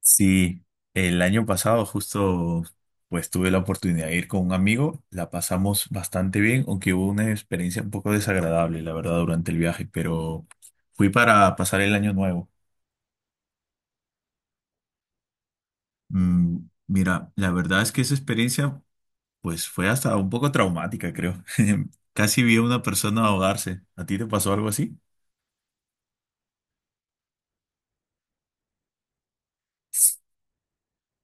Sí, el año pasado justo pues tuve la oportunidad de ir con un amigo, la pasamos bastante bien, aunque hubo una experiencia un poco desagradable, la verdad, durante el viaje, pero fui para pasar el año nuevo. Mm, mira, la verdad es que esa experiencia pues fue hasta un poco traumática, creo. Casi vi a una persona ahogarse. ¿A ti te pasó algo así?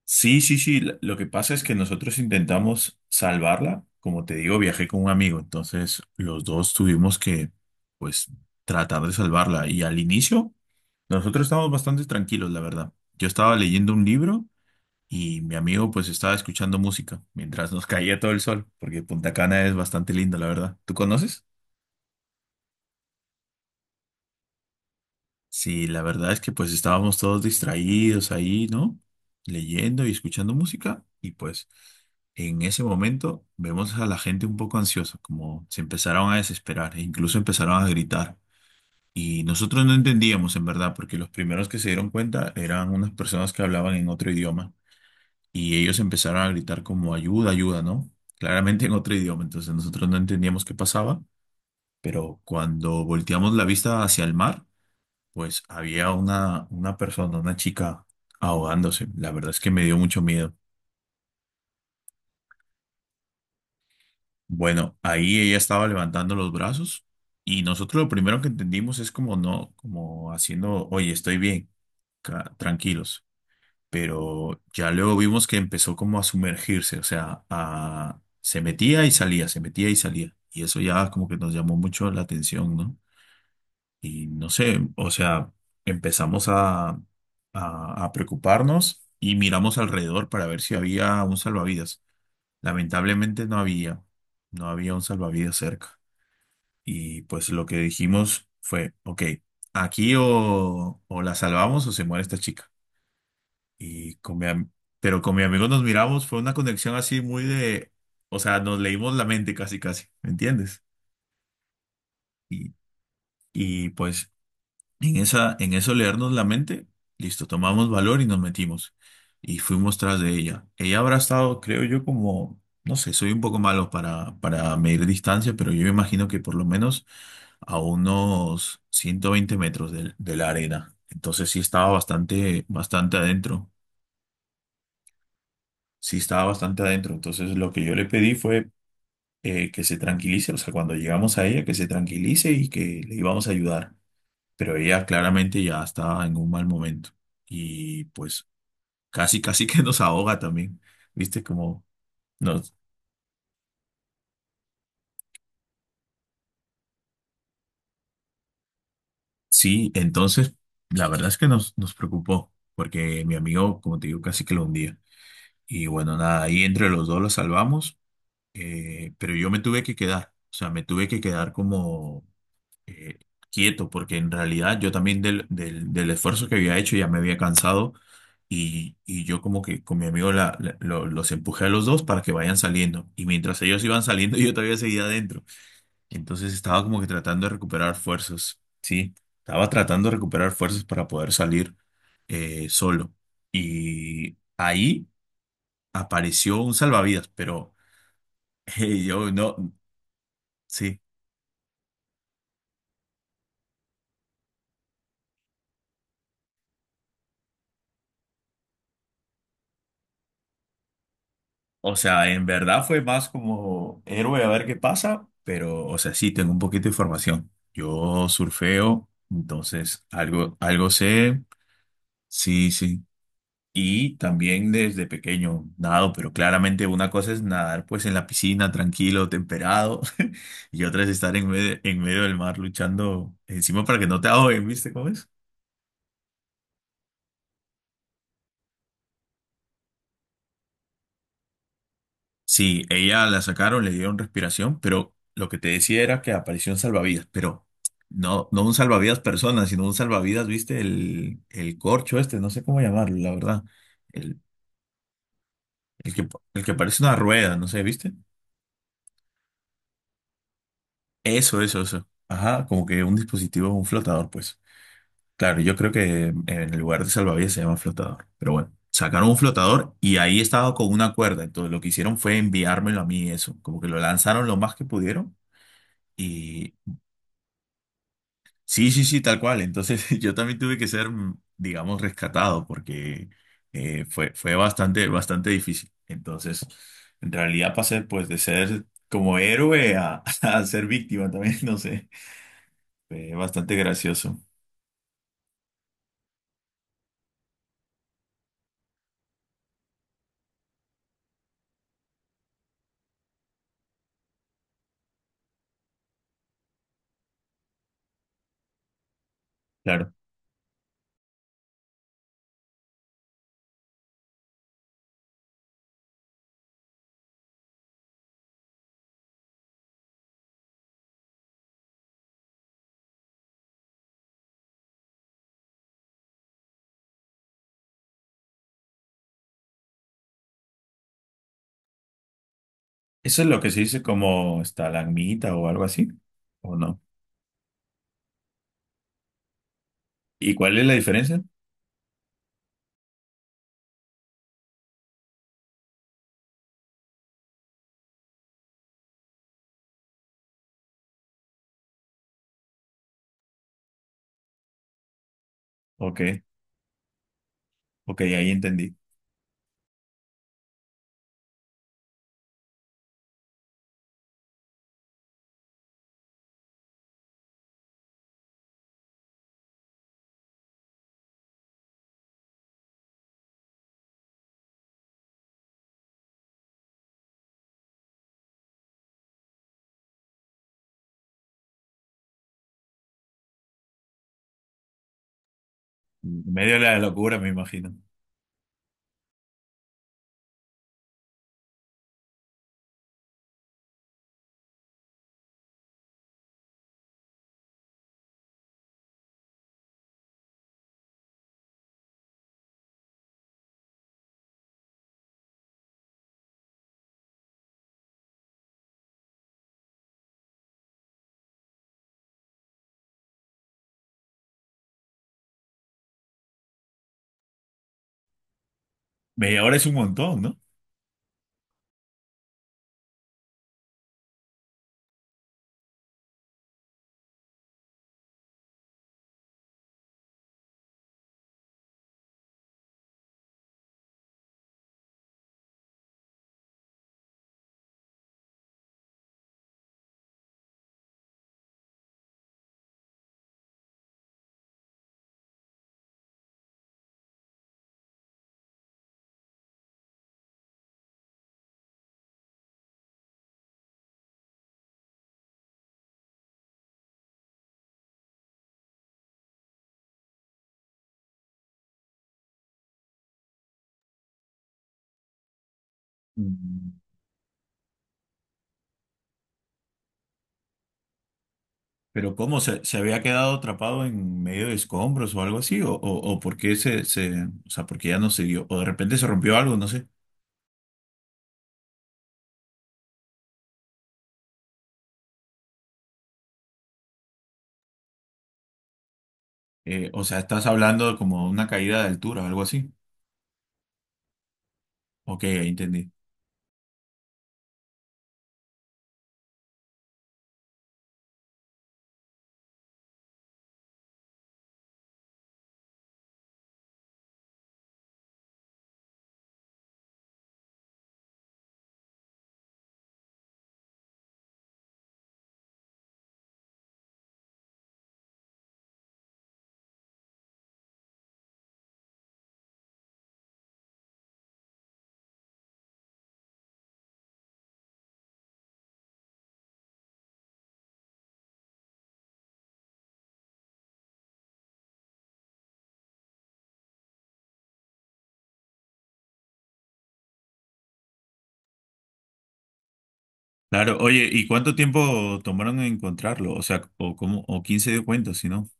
Sí, sí, sí. Lo que pasa es que nosotros intentamos salvarla. Como te digo, viajé con un amigo, entonces los dos tuvimos que, pues, tratar de salvarla. Y al inicio, nosotros estábamos bastante tranquilos, la verdad. Yo estaba leyendo un libro y mi amigo, pues, estaba escuchando música mientras nos caía todo el sol, porque Punta Cana es bastante lindo, la verdad. ¿Tú conoces? Sí, la verdad es que pues estábamos todos distraídos ahí, ¿no? Leyendo y escuchando música y pues en ese momento vemos a la gente un poco ansiosa, como se empezaron a desesperar e incluso empezaron a gritar. Y nosotros no entendíamos en verdad, porque los primeros que se dieron cuenta eran unas personas que hablaban en otro idioma y ellos empezaron a gritar como ayuda, ayuda, ¿no? Claramente en otro idioma, entonces nosotros no entendíamos qué pasaba, pero cuando volteamos la vista hacia el mar, pues había una persona, una chica ahogándose. La verdad es que me dio mucho miedo. Bueno, ahí ella estaba levantando los brazos y nosotros lo primero que entendimos es como no, como haciendo, oye, estoy bien, tranquilos. Pero ya luego vimos que empezó como a sumergirse, o sea, a, se metía y salía, se metía y salía. Y eso ya como que nos llamó mucho la atención, ¿no? Y no sé, o sea, empezamos a preocuparnos y miramos alrededor para ver si había un salvavidas. Lamentablemente no había, no había un salvavidas cerca. Y pues lo que dijimos fue, ok, aquí o la salvamos o se muere esta chica. Y con mi am- pero con mi amigo nos miramos, fue una conexión así muy de, o sea, nos leímos la mente casi, casi, ¿me entiendes? Y, y pues... En esa, en eso leernos la mente, listo, tomamos valor y nos metimos. Y fuimos tras de ella. Ella habrá estado, creo yo, como, no sé, soy un poco malo para medir distancia, pero yo me imagino que por lo menos a unos 120 metros de, la arena. Entonces sí estaba bastante, bastante adentro. Sí estaba bastante adentro. Entonces lo que yo le pedí fue que se tranquilice, o sea, cuando llegamos a ella, que se tranquilice y que le íbamos a ayudar, pero ella claramente ya estaba en un mal momento y pues casi, casi que nos ahoga también, ¿viste? Como nos... Sí, entonces la verdad es que nos preocupó porque mi amigo, como te digo, casi que lo hundía. Y bueno, nada, ahí entre los dos lo salvamos, pero yo me tuve que quedar, o sea, me tuve que quedar como... eh, quieto, porque en realidad yo también del esfuerzo que había hecho ya me había cansado y yo como que con mi amigo los empujé a los dos para que vayan saliendo y mientras ellos iban saliendo yo todavía seguía adentro. Entonces estaba como que tratando de recuperar fuerzas, ¿sí? Estaba tratando de recuperar fuerzas para poder salir solo. Y ahí apareció un salvavidas, pero yo no, sí. O sea, en verdad fue más como héroe a ver qué pasa, pero, o sea, sí, tengo un poquito de información. Yo surfeo, entonces algo, algo sé, sí, sí. Y también desde pequeño nado, pero claramente una cosa es nadar pues en la piscina, tranquilo, temperado, y otra es estar en medio del mar luchando encima para que no te ahoguen, ¿viste cómo es? Sí, ella la sacaron, le dieron respiración, pero lo que te decía era que apareció un salvavidas, pero no, no un salvavidas persona, sino un salvavidas, viste, el corcho este, no sé cómo llamarlo, la verdad. El, el que, el que parece una rueda, no sé, ¿viste? Eso, eso, eso. Ajá, como que un dispositivo, un flotador, pues. Claro, yo creo que en el lugar de salvavidas se llama flotador, pero bueno, sacaron un flotador y ahí estaba con una cuerda, entonces lo que hicieron fue enviármelo a mí, eso, como que lo lanzaron lo más que pudieron. Sí, sí, sí, tal cual. Entonces yo también tuve que ser, mm, digamos, rescatado porque fue bastante, bastante difícil. Entonces, en realidad pasé pues de ser como héroe a, a ser víctima también, no sé. Fue bastante gracioso. Claro. ¿Eso es lo que se dice como estalagmita o algo así? ¿O no? ¿Y cuál es la diferencia? Ok, ok, ahí entendí. Medio de la locura, me imagino. Media hora es un montón, ¿no? Mm. Pero ¿cómo? ¿Se, se había quedado atrapado en medio de escombros o algo así? O por qué se, se, o sea, porque ya no se dio? ¿O de repente se rompió algo? No sé. O sea, estás hablando de como de una caída de altura, algo así. Ok, ahí entendí. Claro, oye, ¿y cuánto tiempo tomaron en encontrarlo? O sea, ¿o cómo? ¿O quién se dio cuenta, si no?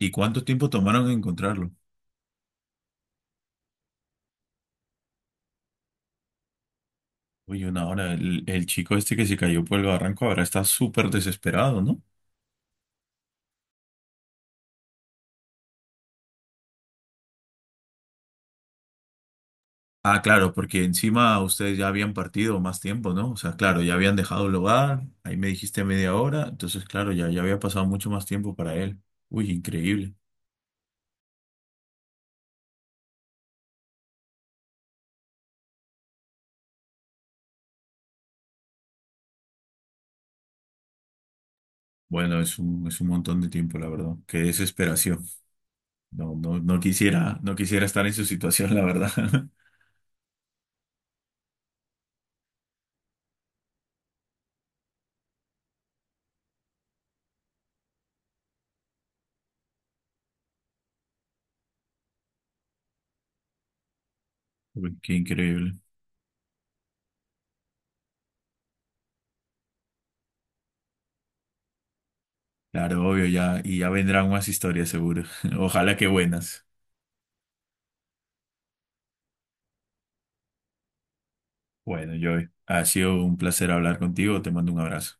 ¿Y cuánto tiempo tomaron en encontrarlo? Oye, una hora, el chico este que se cayó por el barranco ahora está súper desesperado, ¿no? Ah, claro, porque encima ustedes ya habían partido más tiempo, ¿no? O sea, claro, ya habían dejado el hogar, ahí me dijiste media hora, entonces, claro, ya, ya había pasado mucho más tiempo para él. Uy, increíble. Bueno, es un montón de tiempo, la verdad. Qué desesperación. No, no, no quisiera, no quisiera estar en su situación, la verdad. Uy, qué increíble. Claro, obvio, ya, y ya vendrán más historias, seguro. Ojalá que buenas. Bueno, Joey, ha sido un placer hablar contigo, te mando un abrazo.